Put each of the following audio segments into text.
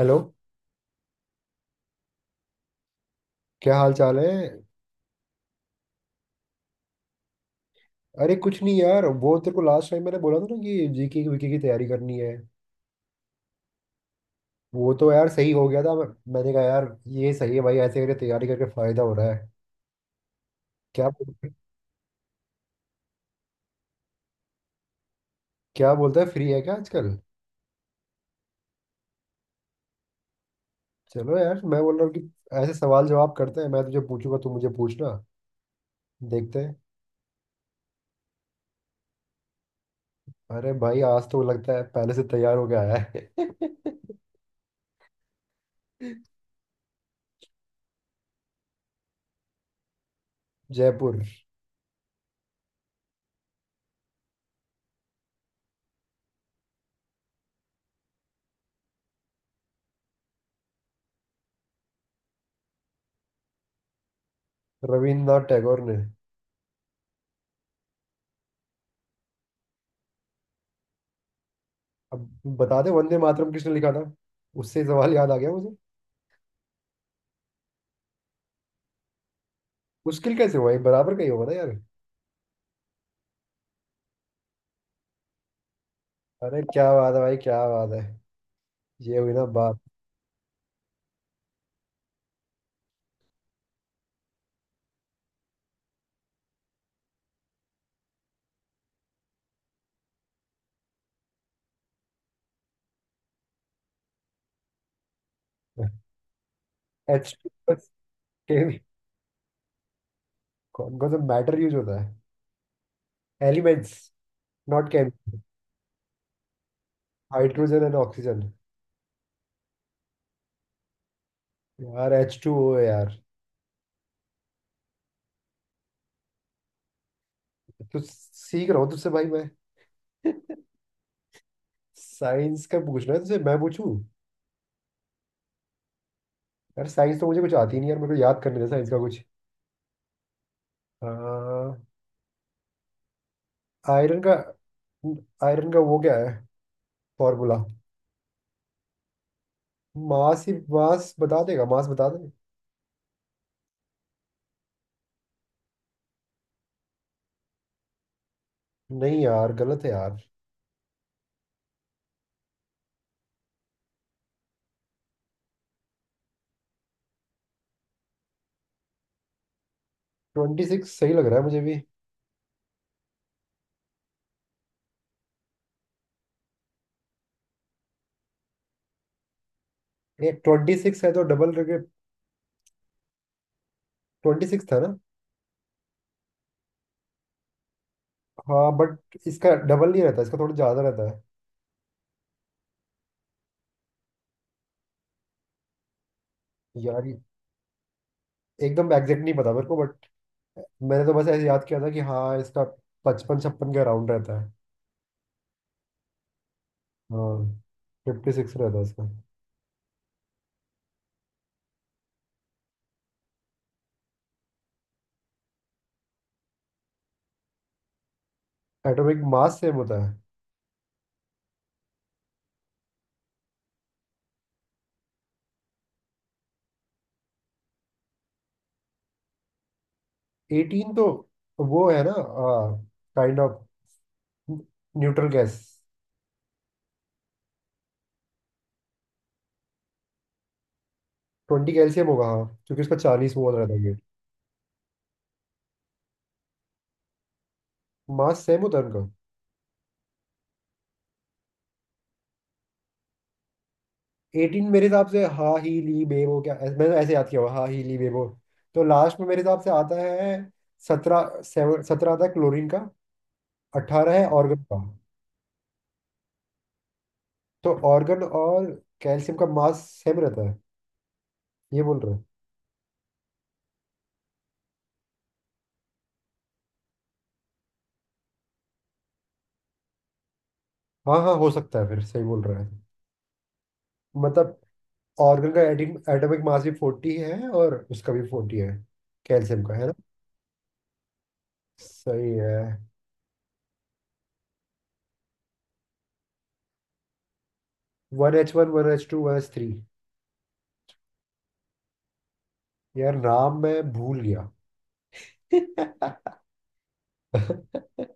Hello. क्या हाल चाल है? अरे कुछ नहीं यार, वो तेरे को लास्ट टाइम मैंने बोला था ना कि जीके की वीके की तैयारी करनी है। वो तो यार सही हो गया था, मैंने कहा यार, ये सही है भाई, ऐसे करके तैयारी करके फायदा हो रहा है। क्या बोल- क्या बोलता है, फ्री है क्या आजकल? चलो यार, मैं बोल रहा हूँ कि ऐसे सवाल जवाब करते हैं, मैं तुझे पूछूंगा तू मुझे पूछना, देखते हैं। अरे भाई, आज तो लगता है पहले से तैयार होके आया है। जयपुर। रविन्द्रनाथ टैगोर ने। अब बता दे, वंदे मातरम किसने लिखा था। उससे सवाल याद आ गया। मुश्किल कैसे हुआ, ये बराबर का ही होगा ना यार। अरे क्या बात है भाई, क्या बात है। ये हुई ना बात। एच। के। कौन कौन सा मैटर यूज होता है? Elements, not came. Hydrogen and oxygen. यार एच टू ओ है यार। तो सीख रहा हूँ तुझसे भाई मैं। साइंस का पूछना है तुझसे, मैं पूछूं? यार साइंस तो मुझे कुछ आती नहीं यार, मेरे को याद करने दे साइंस का कुछ। आयरन का, आयरन का वो क्या है, फॉर्मूला? मास ही, मास बता देगा, मास बता दे। नहीं यार, गलत है यार। 26 सही लग रहा है मुझे भी। ये ट्वेंटी सिक्स है तो डबल करके, ट्वेंटी सिक्स था ना? हाँ, बट इसका डबल नहीं रहता, इसका थोड़ा ज़्यादा रहता है। यार ये- एकदम एग्जैक्ट नहीं पता मेरे को, बट मैंने तो बस ऐसे याद किया था कि हाँ, इसका पचपन छप्पन के अराउंड रहता है। हाँ। 56 रहता है इसका। एटॉमिक मास सेम होता है। एटीन तो वो है ना, kind of neutral gas. 20 calcium होगा हाँ, क्योंकि उसका 40 मोल रहता है। मास सेम होता है उनका। एटीन मेरे हिसाब से हा ही ली बेबो, मैंने ऐसे याद किया हुआ हा ही ली बेबो, तो लास्ट में मेरे हिसाब से आता है 17, सेवन सत्रह आता है क्लोरीन का। 18 है ऑर्गन का। तो ऑर्गन और कैल्शियम का मास सेम रहता है, ये बोल रहे हैं। हाँ, हाँ हो सकता है फिर, सही बोल रहा है। मतलब ऑर्गन का एटिन एटॉमिक मास भी 40 है और उसका भी 40 है, कैल्शियम का, है ना? सही है। One H one, one H two, one H three. यार नाम मैं भूल गया।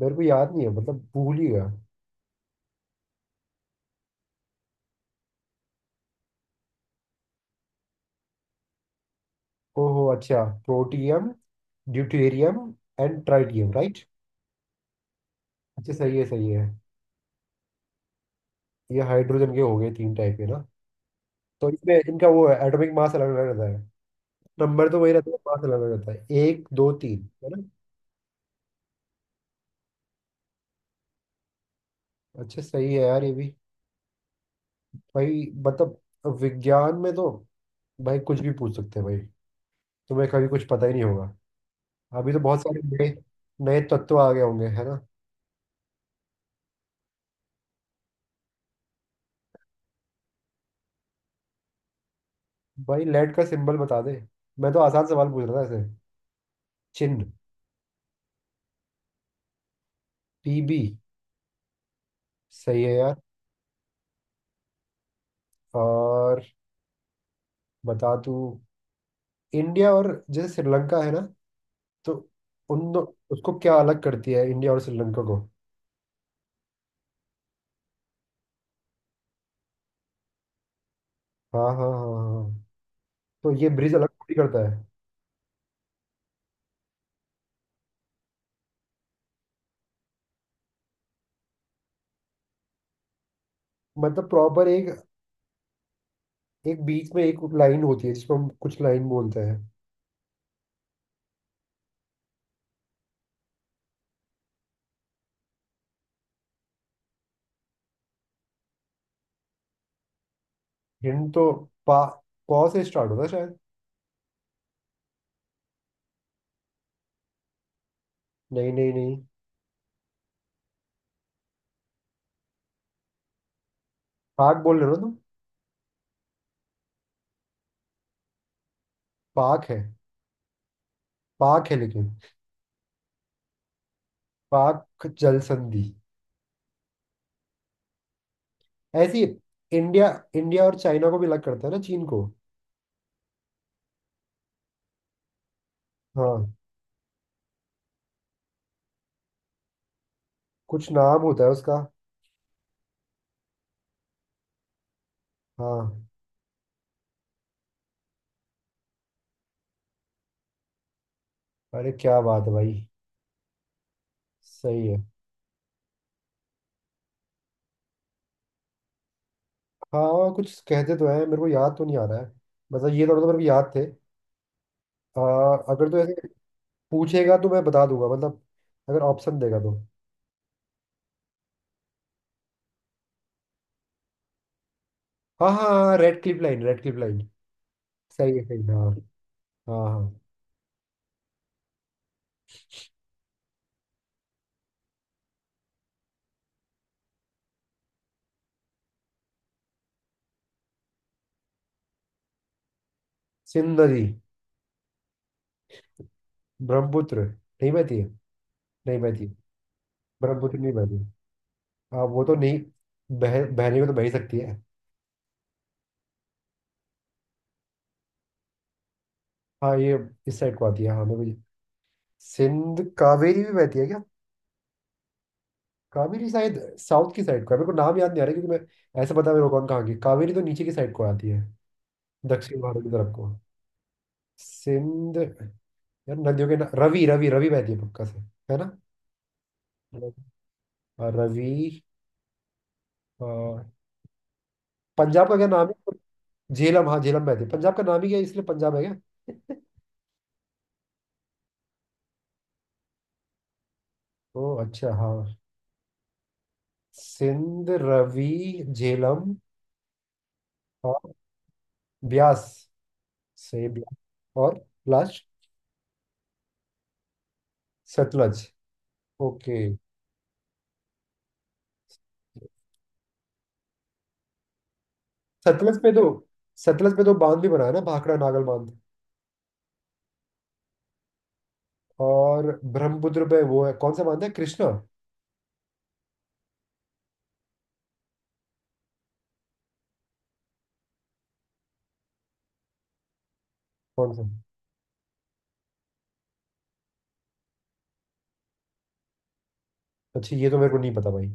मेरे को याद नहीं है, मतलब भूल ही गया। ओहो अच्छा, protium, deuterium and tritium, right. अच्छा, सही है सही है। ये हाइड्रोजन के हो गए तीन टाइप के ना। तो इसमें इनका वो है, एटॉमिक मास अलग अलग रहता है, नंबर तो वही रहता है, मास अलग अलग रहता है, एक दो तीन, है ना? अच्छा सही है यार ये भी। भाई, मतलब विज्ञान में तो भाई कुछ भी पूछ सकते हैं भाई, तुम्हें कभी कुछ पता ही नहीं होगा। अभी तो बहुत सारे नए नए तत्व आ गए होंगे, है ना? भाई लेड का सिंबल बता दे, मैं तो आसान सवाल पूछ रहा था ऐसे, चिन्ह। टीबी। सही है यार। और बता तू, इंडिया और जैसे श्रीलंका है ना, तो उन दो, उसको क्या अलग करती है, इंडिया और श्रीलंका को? हाँ हाँ हाँ हाँ हाँ। तो ये ब्रिज अलग थोड़ी करता है। मतलब प्रॉपर एक एक बीच में एक लाइन होती है जिसको हम कुछ लाइन बोलते हैं। हिंड तो पा पौ से स्टार्ट होता है शायद। नहीं नहीं नहीं। पाक बोल रहे हो ना तुम? पाक है, पाक है लेकिन, पाक जल संधि। ऐसी। इंडिया, इंडिया और चाइना को भी अलग करता है ना, चीन को? हाँ, कुछ नाम होता है उसका। हाँ, अरे क्या बात है भाई, सही है। हाँ, और कुछ कहते तो हैं, मेरे को याद तो नहीं आ रहा है। मतलब ये थोड़ा तो मेरे को याद थे। आ, अगर तो ऐसे पूछेगा तो मैं बता दूंगा, मतलब अगर ऑप्शन देगा तो। हाँ हाँ, Radcliffe line, Radcliffe line, सही है, हाँ। हाँ हाँ। सिंध नदी। ब्रह्मपुत्र नहीं बहती है? नहीं बहती है। ब्रह्मपुत्र नहीं बहती। हाँ वो तो नहीं, बह बहने को तो बह ही सकती है। हाँ ये इस साइड को आती है, हाँ सिंध, कावेरी भी बहती है क्या? कावेरी शायद साउथ की साइड को है, मेरे को नाम याद नहीं आ रहा, क्योंकि मैं ऐसे पता है मेरे को कौन कहाँ की, कावेरी तो नीचे की साइड को आती है, दक्षिण भारत की तरफ को। सिंध। यार नदियों के ना, रवि रवि रवि बहती है पक्का से, है ना? और रवि, और पंजाब का क्या नाम है, झेलम? हाँ झेलम बहती है, पंजाब का नाम ही क्या है, इसलिए पंजाब है क्या? ओ अच्छा हाँ। सिंध, रवि, झेलम, और ब्यास, सही ब्यास, और लास्ट, सतलज, ओके। सतलज पे तो सतलज पे तो बांध भी बना है ना, भाखड़ा नागल बांध। और ब्रह्मपुत्र पे वो है, कौन सा बांध है, कृष्णा? कौन सा? अच्छा ये तो मेरे को नहीं पता भाई।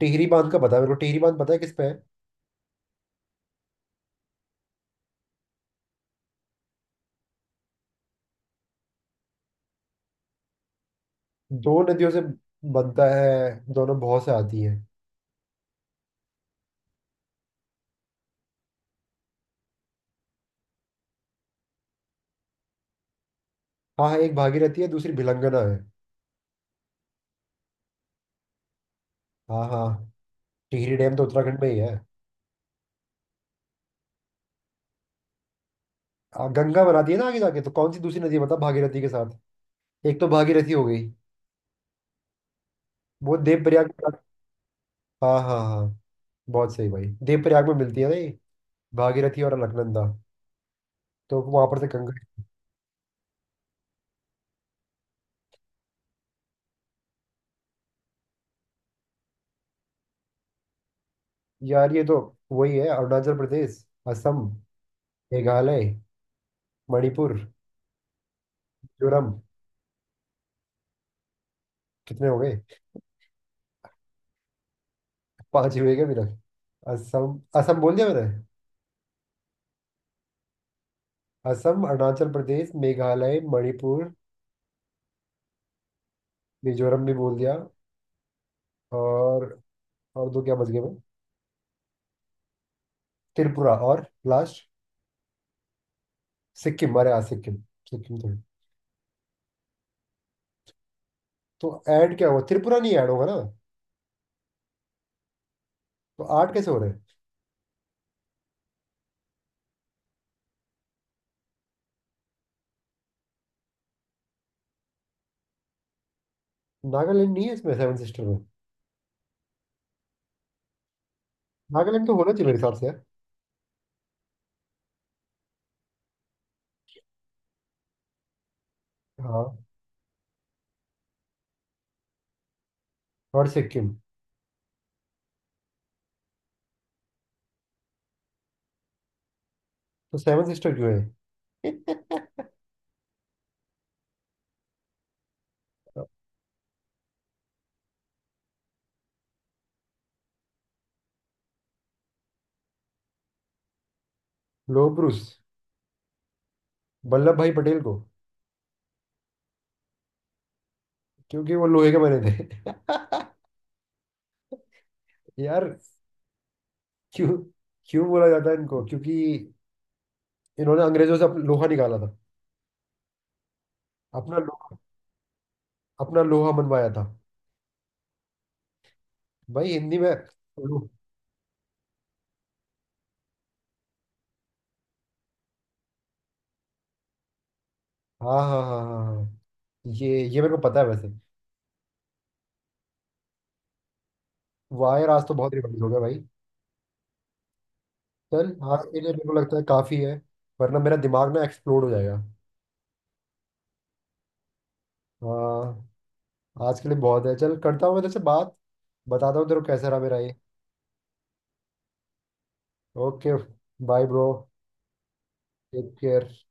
टिहरी बांध का पता है मेरे को, टिहरी बांध पता है किस पे है? दो नदियों से बनता है, दोनों बहुत से आती है। हाँ हाँ, एक भागीरथी है, दूसरी भिलंगना है। हाँ हाँ, टिहरी डैम तो उत्तराखंड में ही है। गंगा बनाती है ना आगे जाके, तो कौन सी दूसरी नदी है बता भागीरथी के साथ, एक तो भागीरथी हो गई, वो देवप्रयाग के साथ- हाँ हाँ हाँ, बहुत सही भाई, देवप्रयाग में मिलती है ना ये, भागीरथी और अलकनंदा, तो वहां पर से गंगा। यार ये तो वही है, अरुणाचल प्रदेश, असम, मेघालय, मणिपुर, मिजोरम। कितने हो गए? पांच ही हुए क्या अभी तक? असम, असम बोल दिया मैंने। असम, अरुणाचल प्रदेश, मेघालय, मणिपुर, मिजोरम भी बोल दिया। और और दो क्या बच गए मैं। त्रिपुरा, और लास्ट, सिक्किम। अरे हाँ सिक्किम, सिक्किम तो है। तो ऐड क्या हुआ, त्रिपुरा नहीं ऐड होगा ना? तो आठ कैसे हो रहे हैं? नागालैंड नहीं है इसमें, सेवन सिस्टर में? नागालैंड तो होना चाहिए मेरे हिसाब से यार। हाँ। और सिक्किम। तो सेवन सिस्टर क्यों है? लोह पुरुष। वल्लभ भाई पटेल को। क्योंकि वो लोहे के बने थे। यार, क्यों क्यों बोला जाता है इनको, क्योंकि इन्होंने अंग्रेजों से लोहा निकाला था, अपना लो, अपना लोहा मनवाया था भाई, हिंदी में। लो- हाँ हाँ हाँ हाँ हाँ। ये मेरे को पता है वैसे। वायर, आज तो बहुत रिवाइज हो गया भाई। चल। आज के लिए मेरे को लगता है काफी है, वरना मेरा दिमाग ना एक्सप्लोड हो जाएगा। हाँ। आज के लिए बहुत है, चल, करता हूँ मैं तेरे से बात, बताता हूँ तेरे को कैसा रहा मेरा ये। ओके। Bye bro. क्योंकि